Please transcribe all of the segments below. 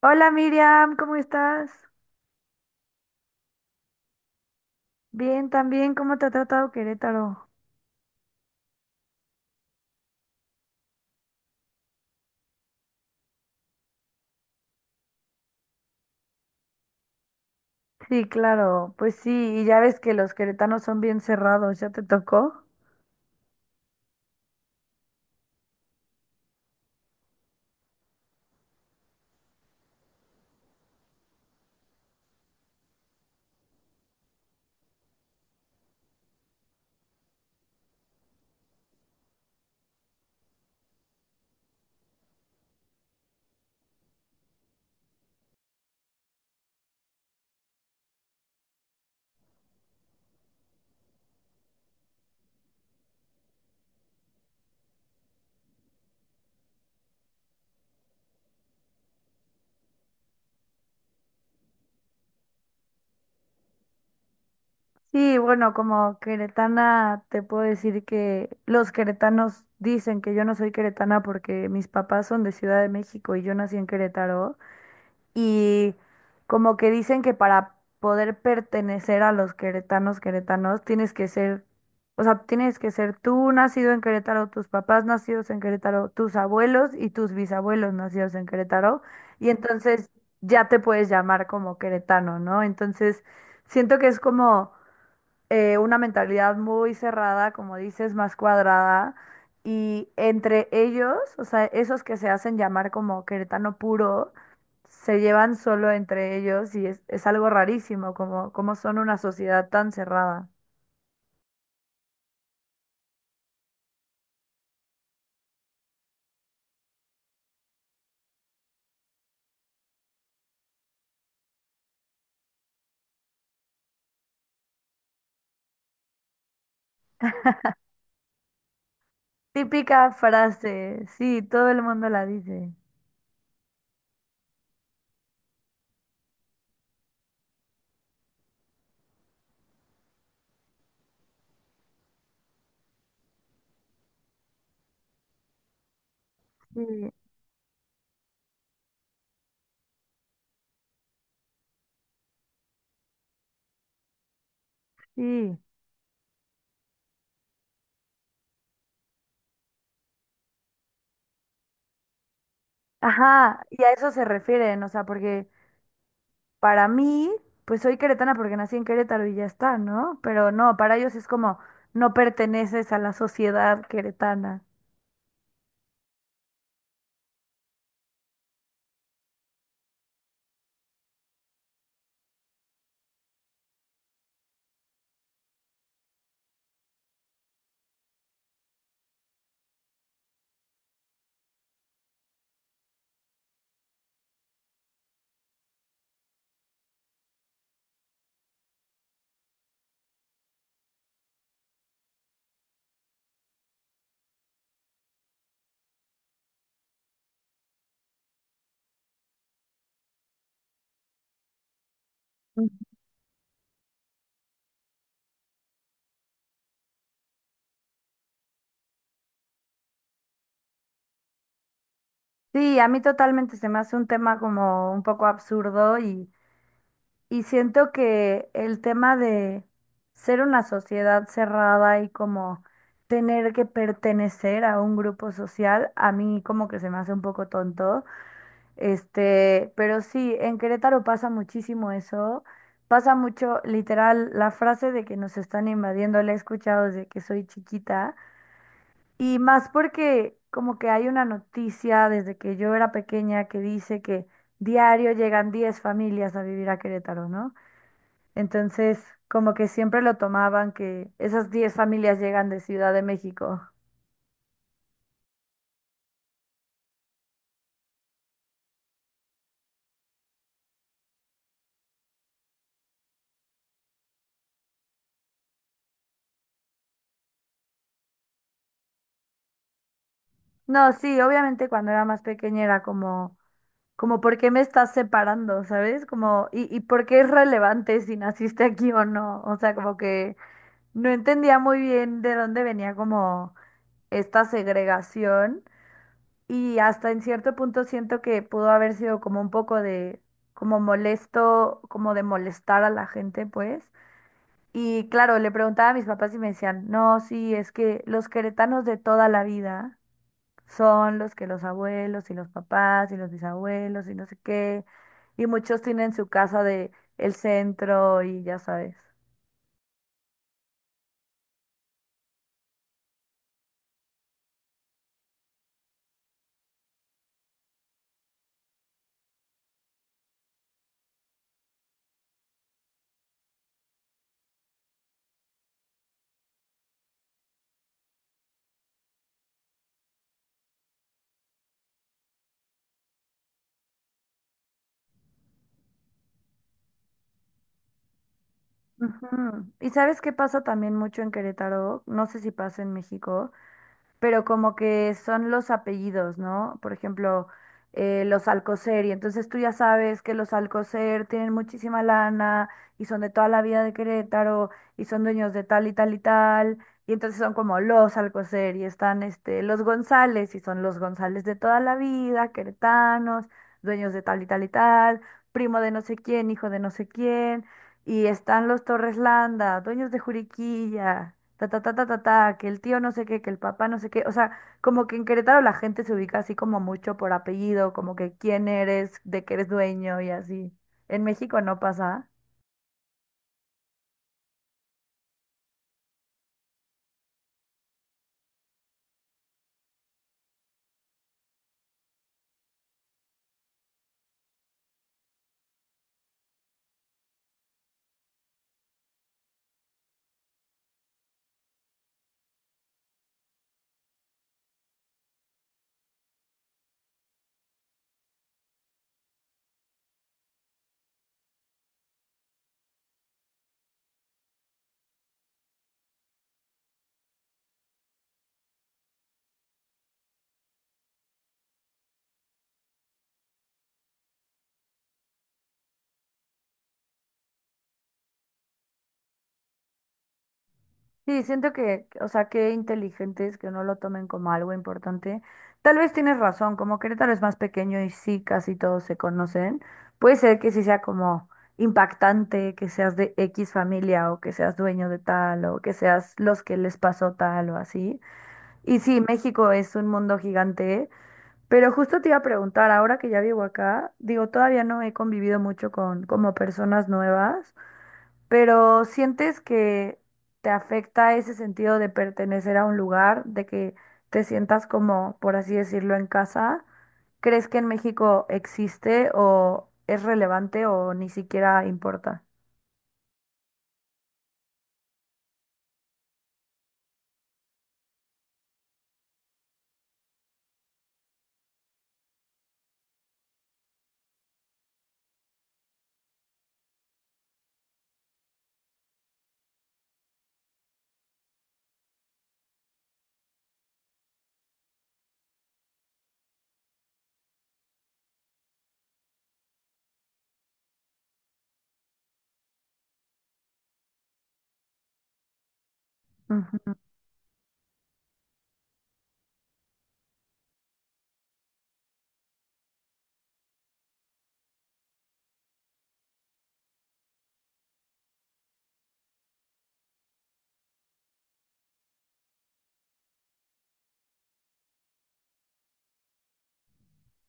Hola Miriam, ¿cómo estás? Bien, también, ¿cómo te ha tratado Querétaro? Sí, claro, pues sí, y ya ves que los queretanos son bien cerrados, ¿ya te tocó? Sí, bueno, como queretana te puedo decir que los queretanos dicen que yo no soy queretana porque mis papás son de Ciudad de México y yo nací en Querétaro, y como que dicen que para poder pertenecer a los queretanos, queretanos, tienes que ser, o sea, tienes que ser tú nacido en Querétaro, tus papás nacidos en Querétaro, tus abuelos y tus bisabuelos nacidos en Querétaro, y entonces ya te puedes llamar como queretano, ¿no? Entonces, siento que es como una mentalidad muy cerrada, como dices, más cuadrada. Y entre ellos, o sea, esos que se hacen llamar como queretano puro, se llevan solo entre ellos y es algo rarísimo, como son una sociedad tan cerrada. Típica frase, sí, todo el mundo la dice. Sí, sí. Ajá, y a eso se refieren, o sea, porque para mí, pues soy queretana porque nací en Querétaro y ya está, ¿no? Pero no, para ellos es como no perteneces a la sociedad queretana. Mm. Sí, a mí totalmente se me hace un tema como un poco absurdo y siento que el tema de ser una sociedad cerrada y como tener que pertenecer a un grupo social, a mí como que se me hace un poco tonto. Este, pero sí, en Querétaro pasa muchísimo eso. Pasa mucho, literal, la frase de que nos están invadiendo, la he escuchado desde que soy chiquita. Y más porque como que hay una noticia desde que yo era pequeña que dice que diario llegan 10 familias a vivir a Querétaro, ¿no? Entonces, como que siempre lo tomaban que esas 10 familias llegan de Ciudad de México. No, sí, obviamente cuando era más pequeña era como... Como por qué me estás separando, ¿sabes? Como, y por qué es relevante si naciste aquí o no. O sea, como que no entendía muy bien de dónde venía como esta segregación. Y hasta en cierto punto siento que pudo haber sido como un poco de, como molesto, como de molestar a la gente, pues. Y claro, le preguntaba a mis papás y me decían, no, sí, es que los queretanos de toda la vida son los que los abuelos y los papás y los bisabuelos y no sé qué. Y muchos tienen su casa de el centro y ya sabes. Ujú. ¿Y sabes qué pasa también mucho en Querétaro? No sé si pasa en México, pero como que son los apellidos, ¿no? Por ejemplo, los Alcocer, y entonces tú ya sabes que los Alcocer tienen muchísima lana y son de toda la vida de Querétaro y son dueños de tal y tal y tal, y entonces son como los Alcocer y están este, los González y son los González de toda la vida, queretanos, dueños de tal y tal y tal, primo de no sé quién, hijo de no sé quién. Y están los Torres Landa, dueños de Juriquilla ta, ta, ta, ta, ta, ta, que el tío no sé qué, que el papá no sé qué. O sea, como que en Querétaro la gente se ubica así como mucho por apellido, como que quién eres, de qué eres dueño y así. En México no pasa. Sí, siento que, o sea, qué inteligentes que no lo tomen como algo importante. Tal vez tienes razón, como Querétaro es más pequeño y sí, casi todos se conocen, puede ser que sí sea como impactante que seas de X familia o que seas dueño de tal o que seas los que les pasó tal o así. Y sí, México es un mundo gigante, ¿eh? Pero justo te iba a preguntar, ahora que ya vivo acá, digo, todavía no he convivido mucho con como personas nuevas, pero ¿sientes que te afecta ese sentido de pertenecer a un lugar, de que te sientas como, por así decirlo, en casa? ¿Crees que en México existe o es relevante o ni siquiera importa?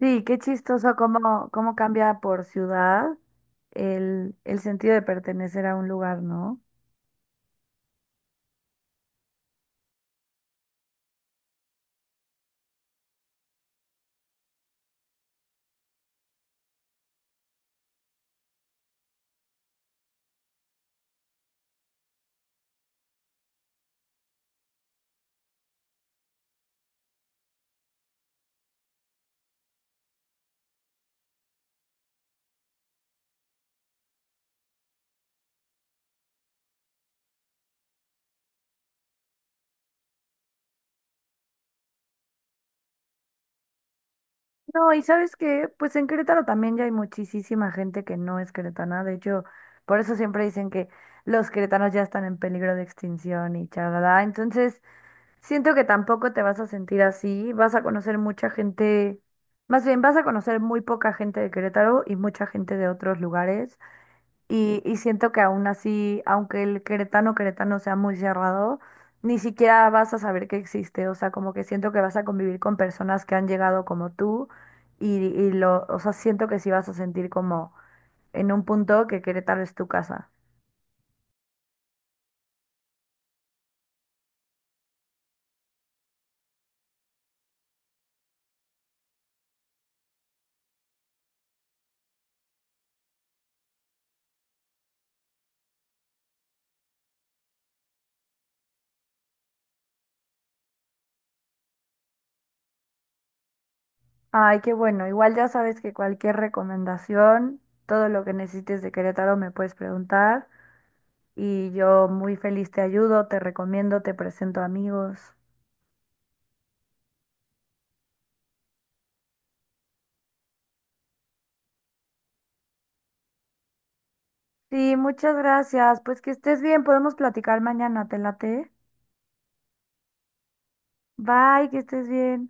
Sí, qué chistoso cómo, cómo cambia por ciudad el sentido de pertenecer a un lugar, ¿no? No, y sabes qué, pues en Querétaro también ya hay muchísima gente que no es queretana, de hecho, por eso siempre dicen que los queretanos ya están en peligro de extinción y chalada, entonces siento que tampoco te vas a sentir así, vas a conocer mucha gente, más bien vas a conocer muy poca gente de Querétaro y mucha gente de otros lugares. Y siento que aún así, aunque el queretano queretano sea muy cerrado, ni siquiera vas a saber que existe. O sea, como que siento que vas a convivir con personas que han llegado como tú y lo, o sea, siento que sí vas a sentir como en un punto que Querétaro es tu casa. Ay, qué bueno. Igual ya sabes que cualquier recomendación, todo lo que necesites de Querétaro me puedes preguntar y yo muy feliz te ayudo, te recomiendo, te presento amigos. Sí, muchas gracias. Pues que estés bien, podemos platicar mañana, ¿te late? Bye, que estés bien.